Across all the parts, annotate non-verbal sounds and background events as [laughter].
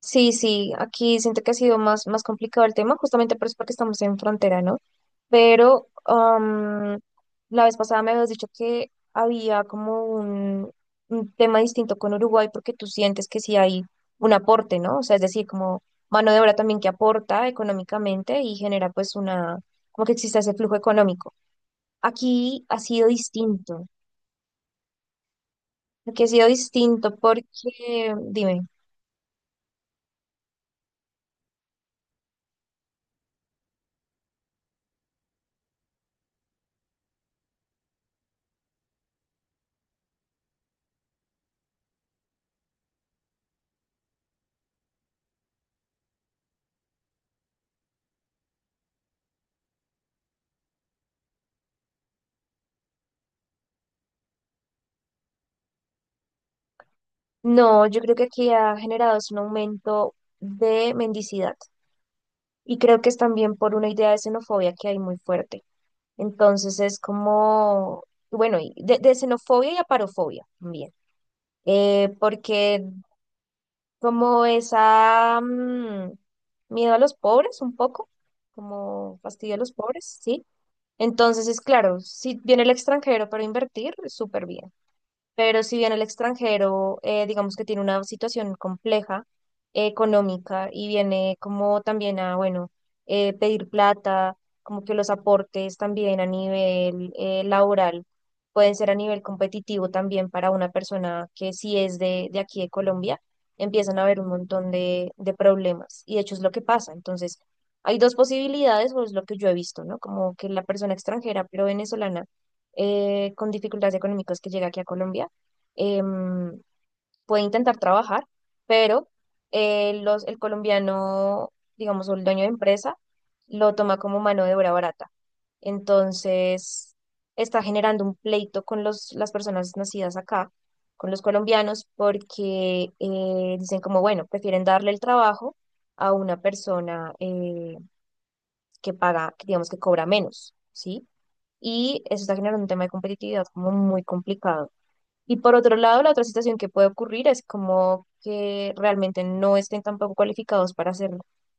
Sí, sí, aquí siento que ha sido más complicado el tema, justamente por eso porque estamos en frontera, ¿no? Pero la vez pasada me habías dicho que había como un tema distinto con Uruguay porque tú sientes que sí hay un aporte, ¿no? O sea, es decir, como mano de obra también que aporta económicamente y genera pues como que exista ese flujo económico. Aquí ha sido distinto, aquí ha sido distinto porque, dime. No, yo creo que aquí ha generado es un aumento de mendicidad y creo que es también por una idea de xenofobia que hay muy fuerte. Entonces es como, bueno, y de xenofobia y aparofobia también, porque como esa miedo a los pobres un poco, como fastidio a los pobres, ¿sí? Entonces es claro, si viene el extranjero para invertir, súper bien. Pero si bien el extranjero, digamos que tiene una situación compleja económica y viene como también a, bueno, pedir plata, como que los aportes también a nivel laboral pueden ser a nivel competitivo también para una persona que sí es de aquí de Colombia, empiezan a haber un montón de problemas y de hecho es lo que pasa. Entonces, hay dos posibilidades, o es lo que yo he visto, ¿no? Como que la persona extranjera, pero venezolana con dificultades económicas que llega aquí a Colombia, em, puede intentar trabajar, pero el colombiano, digamos, o el dueño de empresa, lo toma como mano de obra barata. Entonces, está generando un pleito con las personas nacidas acá, con los colombianos, porque dicen como, bueno, prefieren darle el trabajo a una persona que paga, que digamos que cobra menos, ¿sí? Y eso está generando un tema de competitividad como muy complicado. Y por otro lado, la otra situación que puede ocurrir es como que realmente no estén tampoco cualificados para hacer,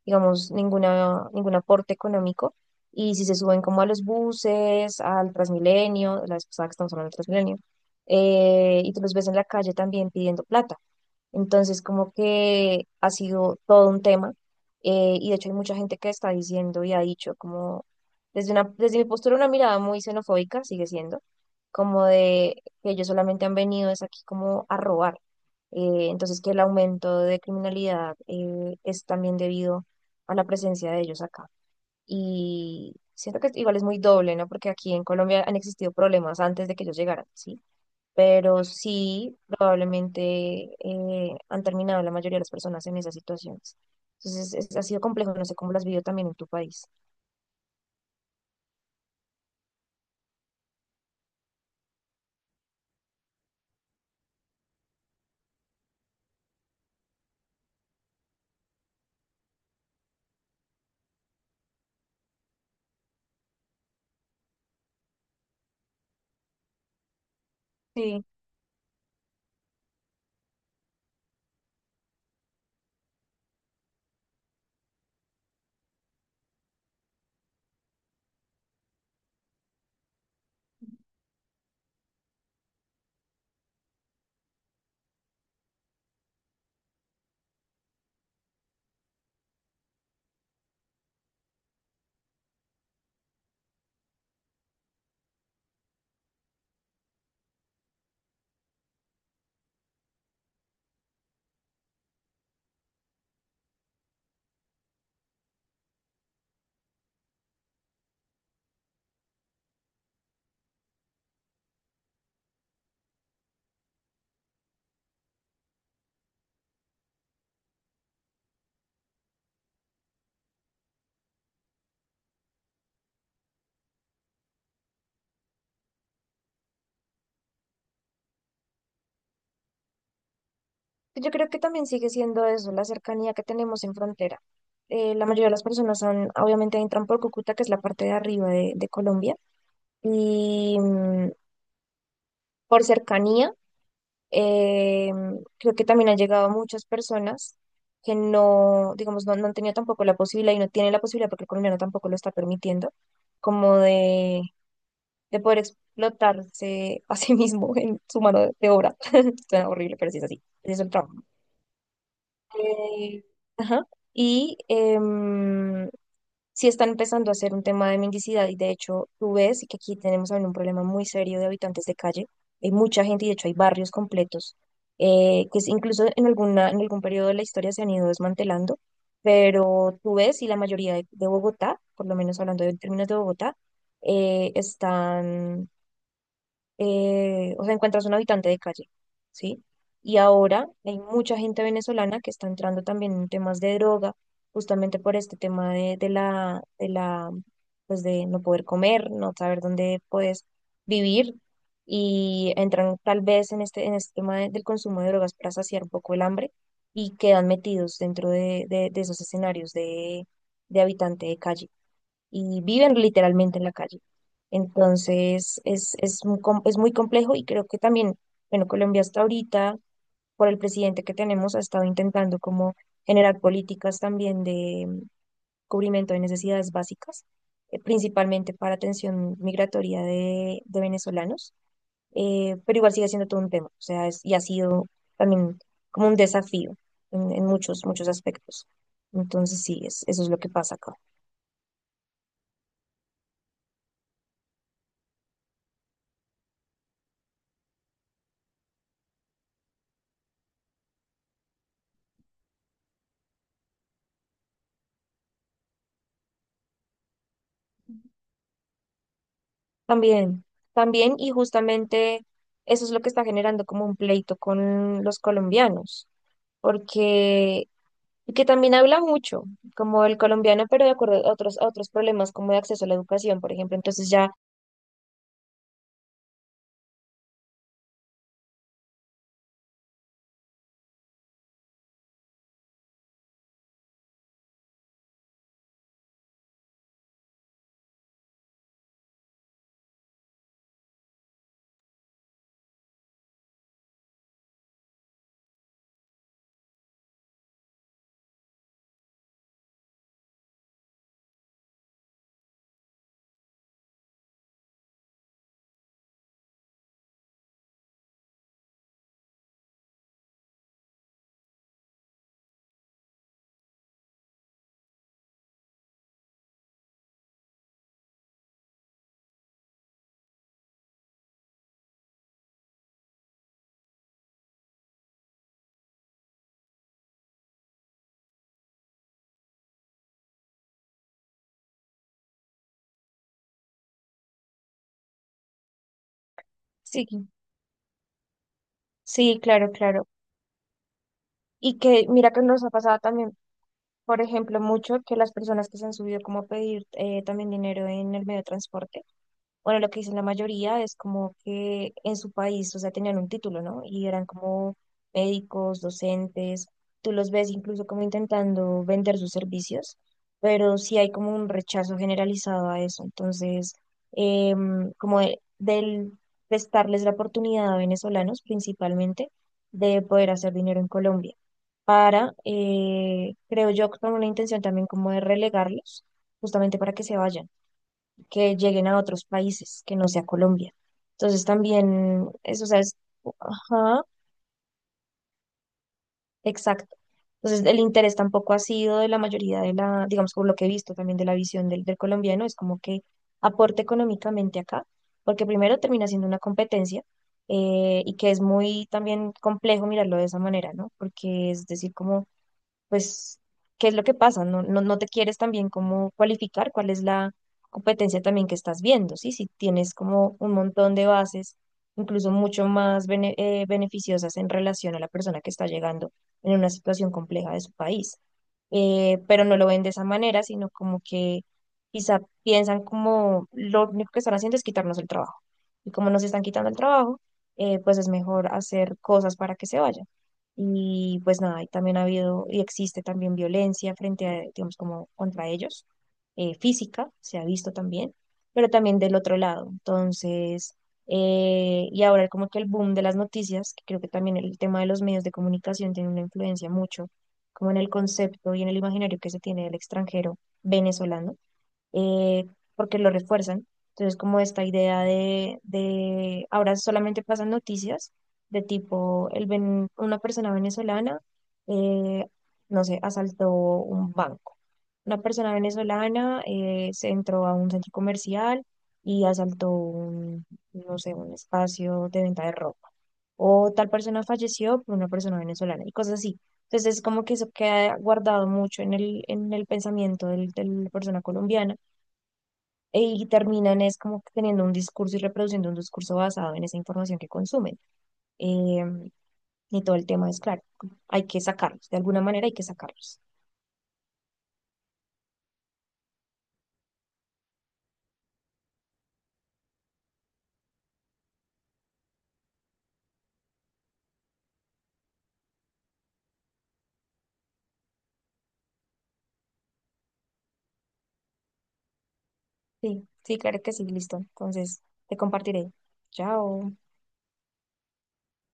digamos, ningún aporte económico. Y si se suben como a los buses, al Transmilenio, la vez pasada que estamos hablando del Transmilenio, y tú los ves en la calle también pidiendo plata, entonces, como que ha sido todo un tema. Y de hecho hay mucha gente que está diciendo y ha dicho como, desde mi postura, una mirada muy xenofóbica sigue siendo, como de que ellos solamente han venido es aquí como a robar. Entonces, que el aumento de criminalidad es también debido a la presencia de ellos acá. Y siento que igual es muy doble, ¿no? Porque aquí en Colombia han existido problemas antes de que ellos llegaran, ¿sí? Pero sí, probablemente han terminado la mayoría de las personas en esas situaciones. Entonces, ha sido complejo, no sé cómo las vivió también en tu país. Sí, yo creo que también sigue siendo eso, la cercanía que tenemos en frontera. La mayoría de las personas son obviamente entran por Cúcuta, que es la parte de arriba de Colombia, y por cercanía. Eh, Creo que también han llegado muchas personas que no, digamos, no han tenido tampoco la posibilidad y no tienen la posibilidad porque el colombiano tampoco lo está permitiendo, como de poder explotarse a sí [laughs] mismo en su mano de obra. [laughs] Suena horrible, pero sí es así. Ese es el trabajo. Eh, ajá. Y sí están empezando a ser un tema de mendicidad y de hecho tú ves que aquí tenemos también un problema muy serio de habitantes de calle. Hay mucha gente y de hecho hay barrios completos que incluso en en algún periodo de la historia se han ido desmantelando, pero tú ves y la mayoría de Bogotá, por lo menos hablando en términos de Bogotá, están o sea, encuentras un habitante de calle, ¿sí? Y ahora hay mucha gente venezolana que está entrando también en temas de droga, justamente por este tema de la, pues de no poder comer, no saber dónde puedes vivir, y entran tal vez en este tema del consumo de drogas para saciar un poco el hambre y quedan metidos dentro de esos escenarios de habitante de calle y viven literalmente en la calle. Entonces, un es muy complejo y creo que también, bueno, Colombia hasta ahorita, por el presidente que tenemos, ha estado intentando como generar políticas también de cubrimiento de necesidades básicas, principalmente para atención migratoria de venezolanos, pero igual sigue siendo todo un tema, o sea, y ha sido también como un desafío en muchos aspectos. Entonces, sí, es, eso es lo que pasa acá. También, también, y justamente eso es lo que está generando como un pleito con los colombianos, porque y que también habla mucho, como el colombiano, pero de acuerdo a otros problemas como de acceso a la educación, por ejemplo. Entonces ya, sí, sí, claro, claro. Y que mira que nos ha pasado también, por ejemplo, mucho que las personas que se han subido como a pedir también dinero en el medio de transporte, bueno, lo que dicen la mayoría es como que en su país, o sea, tenían un título, ¿no? Y eran como médicos, docentes, tú los ves incluso como intentando vender sus servicios, pero sí hay como un rechazo generalizado a eso. Entonces, como del prestarles la oportunidad a venezolanos principalmente de poder hacer dinero en Colombia, para, creo yo, con una intención también como de relegarlos, justamente para que se vayan, que lleguen a otros países, que no sea Colombia. Entonces también, eso, o sea, es, ajá, exacto. Entonces el interés tampoco ha sido de la mayoría de la, digamos, por lo que he visto también de la visión del colombiano, es como que aporte económicamente acá, porque primero termina siendo una competencia y que es muy también complejo mirarlo de esa manera, ¿no? Porque es decir, como pues, ¿qué es lo que pasa? No te quieres también como cualificar, cuál es la competencia también que estás viendo, ¿sí? Si tienes como un montón de bases, incluso mucho más beneficiosas en relación a la persona que está llegando en una situación compleja de su país. Pero no lo ven de esa manera, sino como que quizá piensan como lo único que están haciendo es quitarnos el trabajo. Y como nos están quitando el trabajo, pues es mejor hacer cosas para que se vayan. Y pues nada, y también ha habido y existe también violencia frente a, digamos, como contra ellos, física, se ha visto también, pero también del otro lado. Entonces, y ahora como que el boom de las noticias, que creo que también el tema de los medios de comunicación tiene una influencia mucho, como en el concepto y en el imaginario que se tiene del extranjero venezolano eh, porque lo refuerzan. Entonces, como esta idea de ahora solamente pasan noticias de tipo, una persona venezolana, eh, no sé, asaltó un banco. Una persona venezolana se entró a un centro comercial y asaltó un, no sé, un espacio de venta de ropa. O tal persona falleció por una persona venezolana y cosas así. Entonces, es como que eso queda guardado mucho en el pensamiento de la persona colombiana y terminan es como que teniendo un discurso y reproduciendo un discurso basado en esa información que consumen. Eh, y todo el tema es claro, hay que sacarlos, de alguna manera hay que sacarlos. Sí, sí, claro que sí, listo. Entonces, te compartiré. Chao.